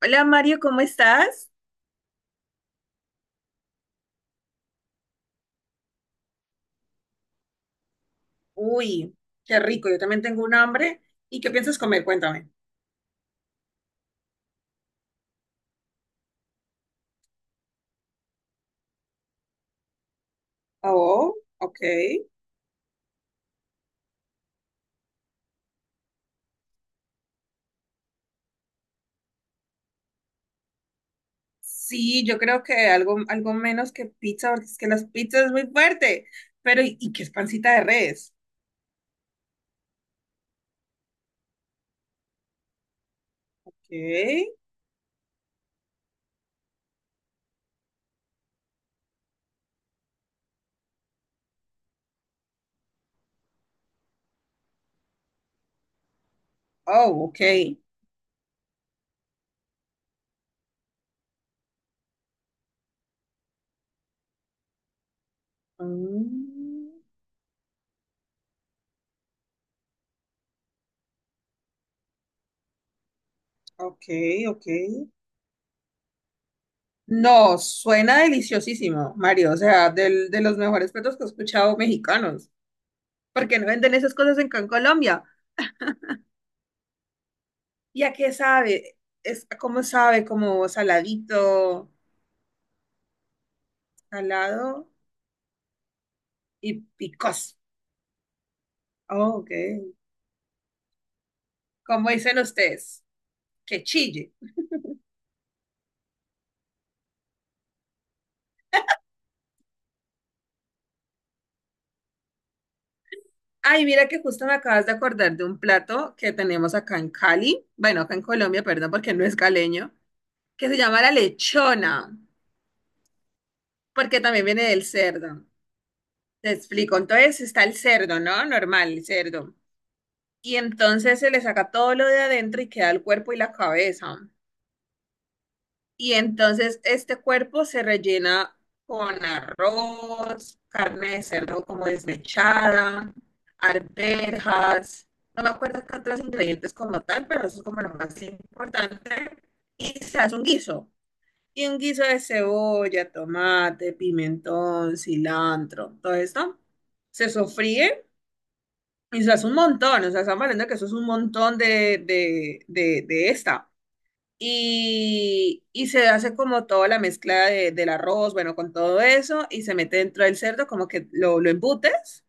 Hola Mario, ¿cómo estás? Uy, qué rico, yo también tengo un hambre. ¿Y qué piensas comer? Cuéntame. Oh, ok. Sí, yo creo que algo menos que pizza, porque es que las pizzas es muy fuerte. Pero, ¿y qué es pancita de res? ¿Qué? Oh, ok. Mm, ok, ok. No, suena deliciosísimo, Mario. O sea, de los mejores platos que he escuchado mexicanos. ¿Por qué no venden esas cosas en Colombia? ¿Y a qué sabe? Es, ¿cómo sabe? Como saladito, salado y picoso. Oh, ok. Como dicen ustedes, que chille. Ay, mira que justo me acabas de acordar de un plato que tenemos acá en Cali, bueno, acá en Colombia, perdón, porque no es caleño, que se llama la lechona, porque también viene del cerdo. Te explico. Entonces está el cerdo, ¿no? Normal, el cerdo. Y entonces se le saca todo lo de adentro y queda el cuerpo y la cabeza. Y entonces este cuerpo se rellena con arroz, carne de cerdo como desmechada, arvejas, no me acuerdo qué otros ingredientes como tal, pero eso es como lo más importante. Y se hace un guiso. Y un guiso de cebolla, tomate, pimentón, cilantro, todo esto. Se sofríe y se hace un montón. O sea, estamos hablando que eso es un montón de esta y se hace como toda la mezcla del arroz, bueno, con todo eso, y se mete dentro del cerdo, como que lo embutes,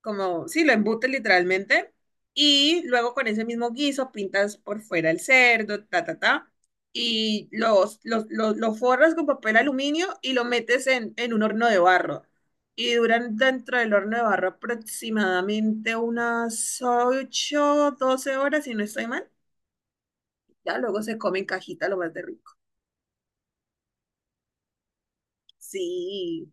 como, sí, lo embutes literalmente, y luego con ese mismo guiso pintas por fuera el cerdo, ta, ta, ta, y lo forras con papel aluminio y lo metes en un horno de barro. Y duran dentro del horno de barro aproximadamente unas 8 a 12 horas, si no estoy mal. Ya luego se come en cajita lo más de rico. Sí,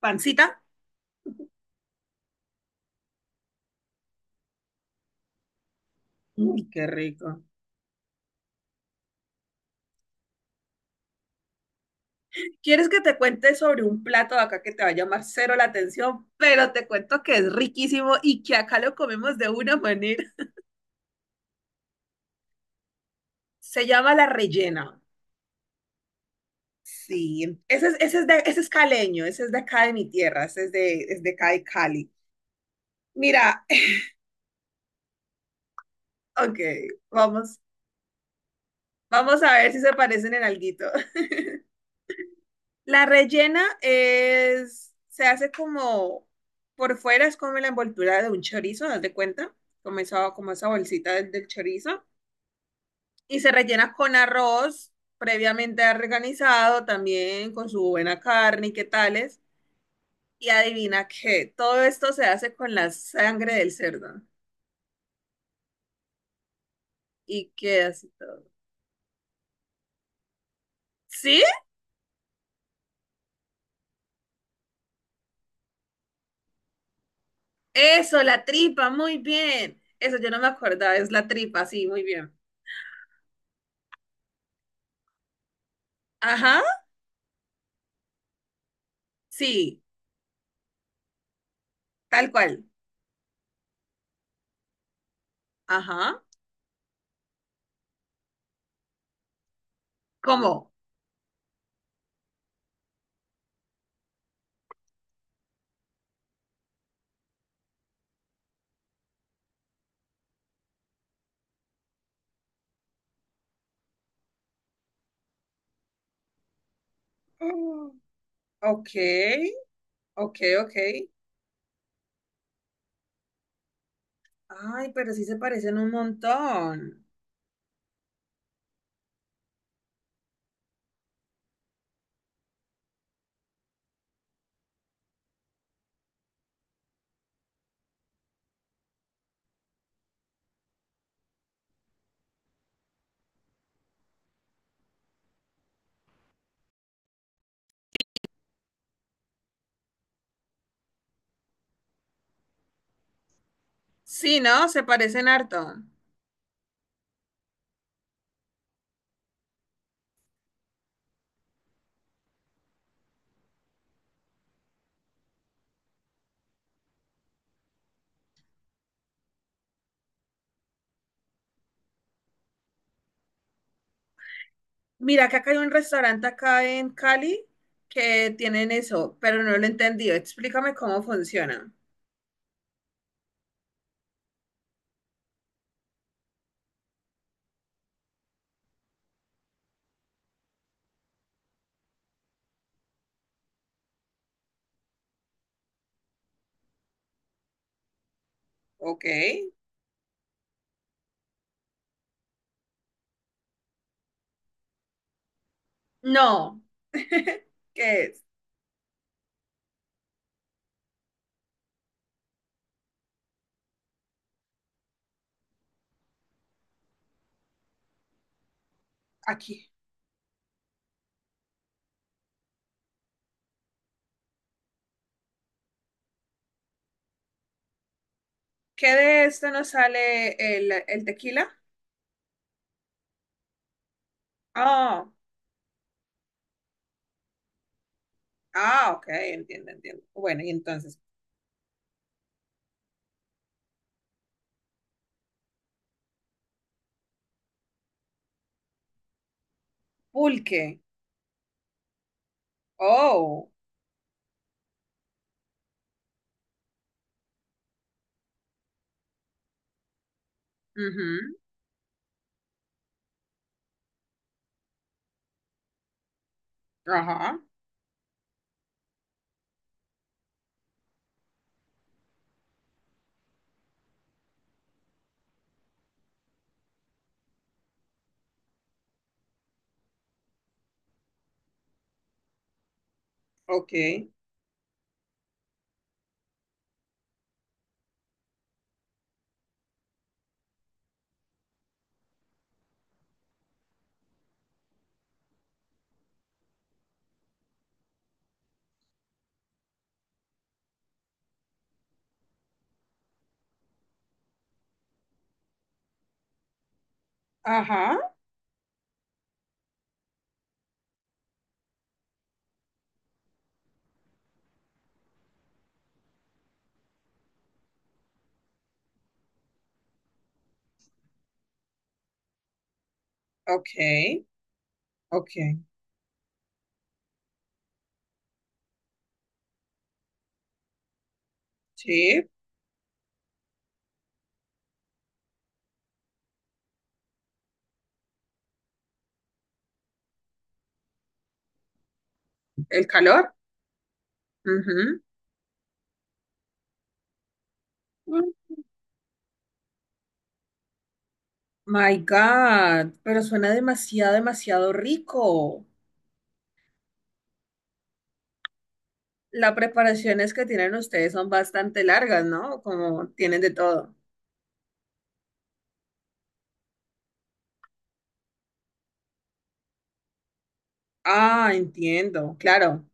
pancita. Uy, qué rico. ¿Quieres que te cuente sobre un plato de acá que te va a llamar cero la atención? Pero te cuento que es riquísimo y que acá lo comemos de una manera. Se llama la rellena. Sí, ese es caleño, ese es de acá de mi tierra, ese es de acá de Cali. Mira, ok, vamos, vamos a ver si se parecen en alguito. La rellena es, se hace como, por fuera es como la envoltura de un chorizo, haz de cuenta, como esa bolsita del chorizo, y se rellena con arroz previamente organizado, también con su buena carne y qué tales. Y adivina qué, todo esto se hace con la sangre del cerdo. Y queda así. ¿Sí? Eso, la tripa, muy bien. Eso yo no me acordaba, es la tripa, sí, muy bien. Ajá, sí, tal cual. Ajá. ¿Cómo? Mm. Ok, ok, ok. Ay, pero sí se parecen un montón. Sí, ¿no? Se parecen harto. Mira que acá hay un restaurante acá en Cali que tienen eso, pero no lo he entendido. Explícame cómo funciona. Ok. No. ¿Qué es? Aquí. ¿Qué de esto nos sale el tequila? Ah, ah, ok, entiendo. Bueno, y entonces, pulque. Oh, ujú, Ajá, ok, ajá, ok, ok. Sí, el calor. Ujú. Mm, My God, pero suena demasiado, demasiado rico. Las preparaciones que tienen ustedes son bastante largas, ¿no? Como tienen de todo. Ah, entiendo, claro.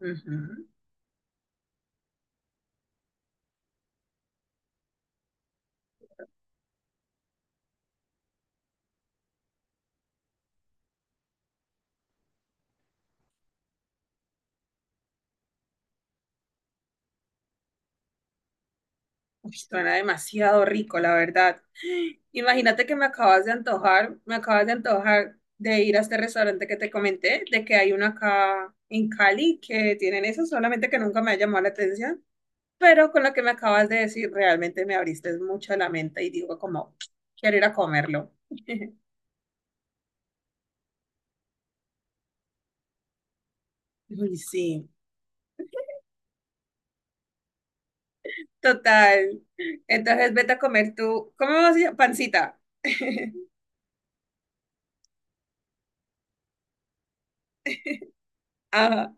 Ujú. Uy, suena demasiado rico, la verdad. Imagínate que me acabas de antojar, me acabas de antojar de ir a este restaurante que te comenté, de que hay uno acá en Cali que tienen eso, solamente que nunca me ha llamado la atención, pero con lo que me acabas de decir, realmente me abriste mucho la mente y digo como, quiero ir a comerlo. Uy, sí, total. Entonces vete a comer tú, ¿cómo vas a pancita? Ajá,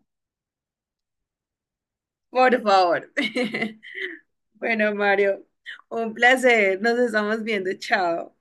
por favor. Bueno, Mario, un placer. Nos estamos viendo. Chao.